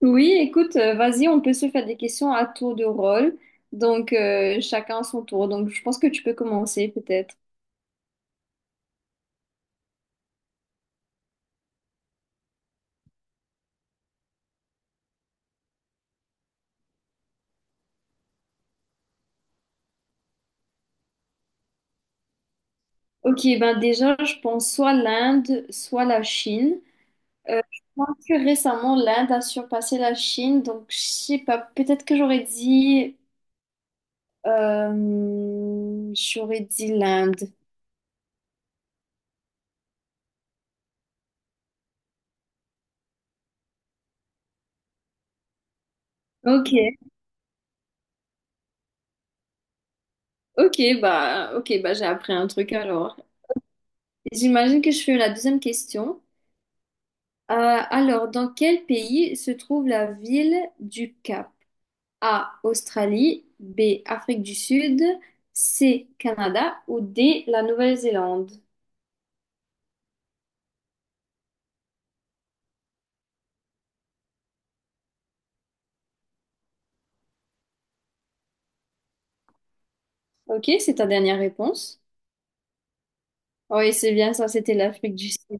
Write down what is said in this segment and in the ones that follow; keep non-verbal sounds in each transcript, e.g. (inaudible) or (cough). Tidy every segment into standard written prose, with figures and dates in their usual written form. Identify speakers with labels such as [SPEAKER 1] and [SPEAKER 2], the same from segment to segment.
[SPEAKER 1] Oui, écoute, vas-y, on peut se faire des questions à tour de rôle. Chacun son tour. Donc, je pense que tu peux commencer peut-être. Ok, ben déjà, je pense soit l'Inde, soit la Chine. Je pense que récemment, l'Inde a surpassé la Chine. Donc, je sais pas, peut-être que j'aurais dit l'Inde. Ok, ok, bah, j'ai appris un truc alors. J'imagine que je fais la deuxième question. Euh, alors, dans quel pays se trouve la ville du Cap? A. Australie, B. Afrique du Sud, C. Canada ou D. La Nouvelle-Zélande. Ok, c'est ta dernière réponse. Oui, c'est bien ça, c'était l'Afrique du Sud.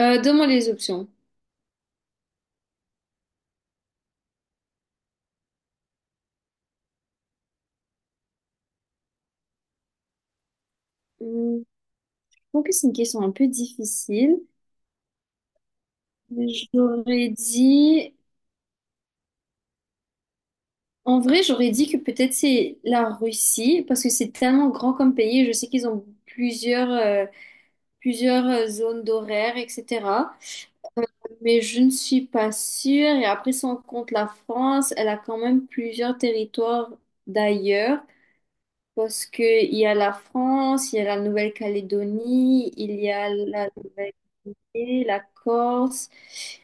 [SPEAKER 1] Donne-moi les options. Hmm, je trouve que c'est une question un peu difficile. J'aurais dit... En vrai, j'aurais dit que peut-être c'est la Russie, parce que c'est tellement grand comme pays. Je sais qu'ils ont plusieurs zones d'horaire, etc. Mais je ne suis pas sûre. Et après, si on compte la France, elle a quand même plusieurs territoires d'ailleurs. Parce qu'il y a la France, il y a la Nouvelle-Calédonie, il y a la Nouvelle-Guinée, la Corse,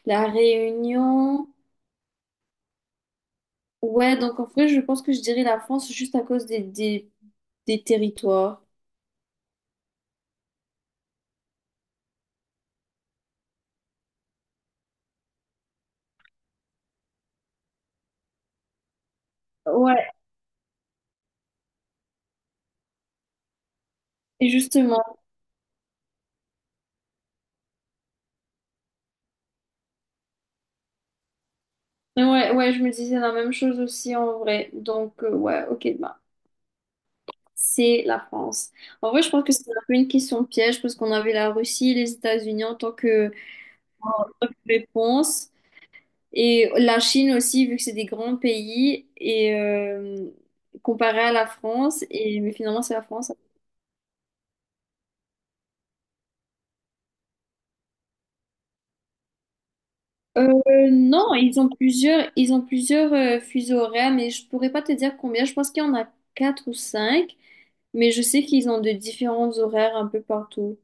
[SPEAKER 1] la Réunion. Ouais, donc en vrai, je pense que je dirais la France juste à cause des territoires. Ouais, et justement. Ouais, ouais, je me disais la même chose aussi en vrai. Ouais, ok, bah, c'est la France. En vrai, je pense que c'est un peu une question piège parce qu'on avait la Russie et les États-Unis en tant que réponse et la Chine aussi, vu que c'est des grands pays et comparé à la France et mais finalement c'est la France. Euh, non, ils ont plusieurs fuseaux horaires, mais je pourrais pas te dire combien. Je pense qu'il y en a quatre ou cinq, mais je sais qu'ils ont de différents horaires un peu partout.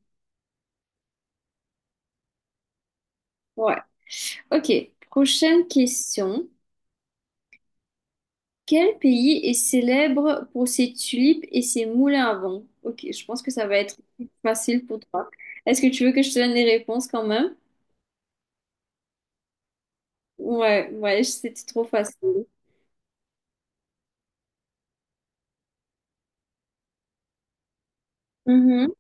[SPEAKER 1] Ouais. Ok. Prochaine question. Quel pays est célèbre pour ses tulipes et ses moulins à vent? Ok, je pense que ça va être facile pour toi. Est-ce que tu veux que je te donne les réponses quand même? Ouais, ouais, c'était trop facile. Mhm,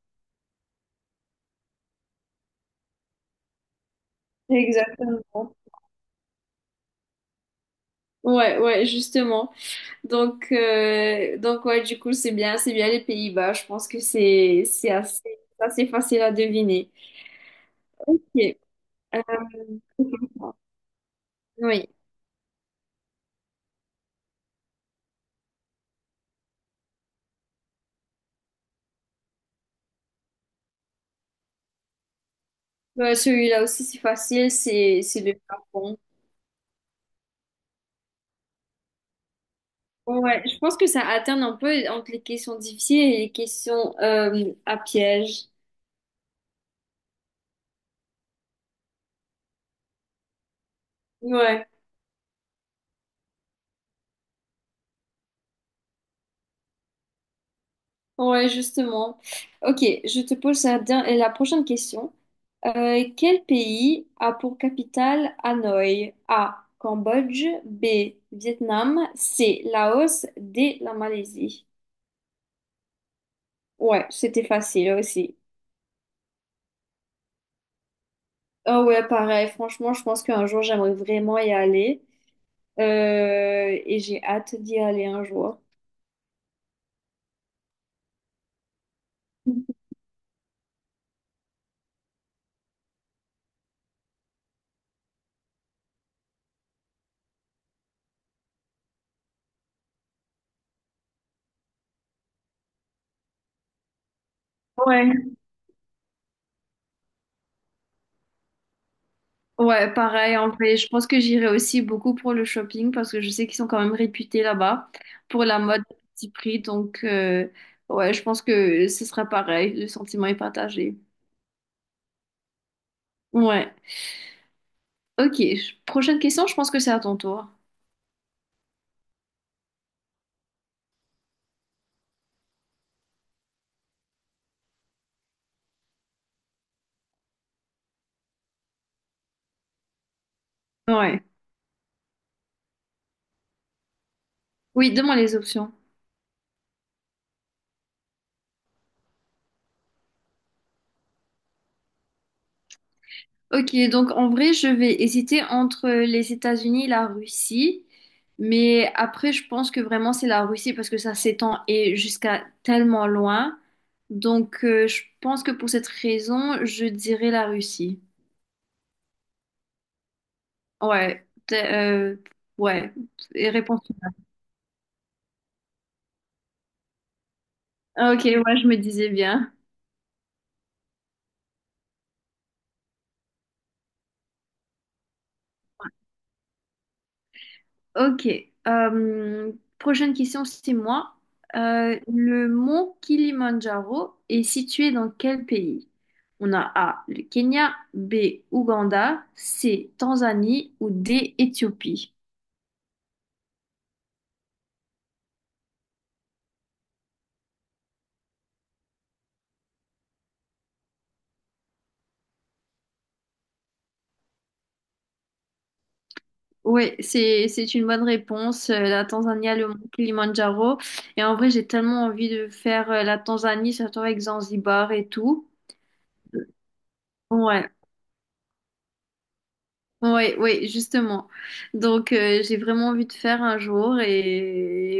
[SPEAKER 1] exactement. Ouais, ouais, justement. Donc ouais, du coup, c'est bien les Pays-Bas. Je pense que c'est assez facile à deviner. Ok. Euh, oui. Ouais, celui-là aussi, c'est le Japon. Ouais, je pense que ça alterne un peu entre les questions difficiles et les questions à piège. Ouais, ouais, justement. Ok, je te pose la prochaine question. Quel pays a pour capitale Hanoï? A. Cambodge. B. Vietnam. C. Laos. D. La Malaisie. Ouais, c'était facile aussi. Oh ouais, pareil. Franchement, je pense qu'un jour, j'aimerais vraiment y aller. Et j'ai hâte d'y aller un jour. (laughs) Ouais. Ouais, pareil, en fait, je pense que j'irai aussi beaucoup pour le shopping parce que je sais qu'ils sont quand même réputés là-bas pour la mode à petit prix. Ouais, je pense que ce sera pareil, le sentiment est partagé. Ouais, ok. Prochaine question, je pense que c'est à ton tour. Ouais. Oui, donne-moi les options. Ok, donc en vrai, je vais hésiter entre les États-Unis et la Russie. Mais après, je pense que vraiment, c'est la Russie parce que ça s'étend et jusqu'à tellement loin. Je pense que pour cette raison, je dirais la Russie. Ouais, t- euh, ouais. Et réponse. Ok, ouais, je me disais bien. Ok. Euh, Prochaine question, c'est moi. Le mont Kilimandjaro est situé dans quel pays? On a A, le Kenya, B, Ouganda, C, Tanzanie ou D, Éthiopie. Oui, c'est une bonne réponse. La Tanzanie a le mont Kilimandjaro. Et en vrai, j'ai tellement envie de faire la Tanzanie, surtout avec Zanzibar et tout. Ouais. Oui, oui, justement. J'ai vraiment envie de faire un jour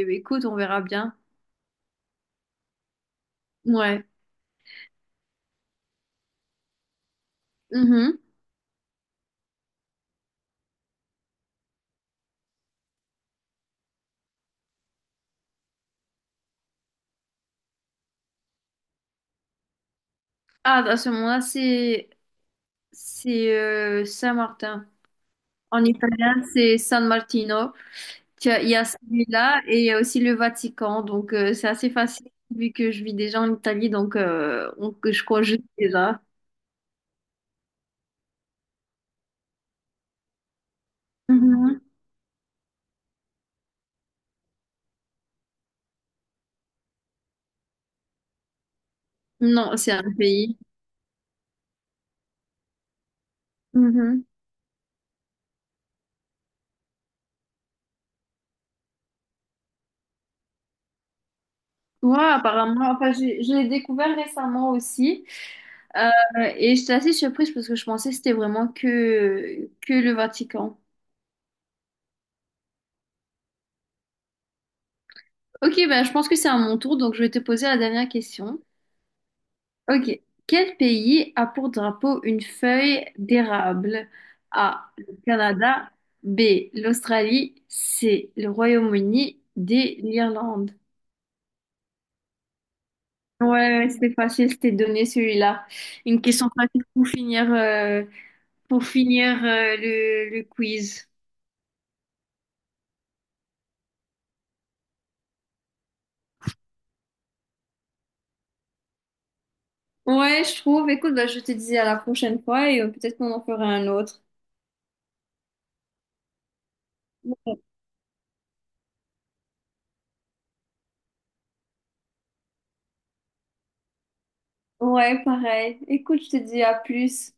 [SPEAKER 1] et écoute, on verra bien. Ouais. Mhm. Ah, à ce moment-là, c'est Saint-Martin. En italien, c'est San Martino. Tu as- Il y a celui-là et il y a aussi le Vatican. C'est assez facile vu que je vis déjà en Italie. On- que je crois juste déjà. Mhm. Non, c'est un pays. Mhm. Ouais, apparemment. Enfin, je l'ai découvert récemment aussi. Euh, et j'étais assez surprise parce que je pensais que c'était vraiment que le Vatican. Ok, ben je pense que c'est à mon tour, donc je vais te poser la dernière question. Ok. Quel pays a pour drapeau une feuille d'érable? A. Le Canada. B. L'Australie. C. Le Royaume-Uni. D. L'Irlande. Ouais, ouais, c'était facile, c'était donné celui-là. Une question facile pour finir, pour finir le quiz. Ouais, je trouve. Écoute, bah, je te dis à la prochaine fois et peut-être qu'on en fera un autre. Ouais, pareil. Écoute, je te dis à plus.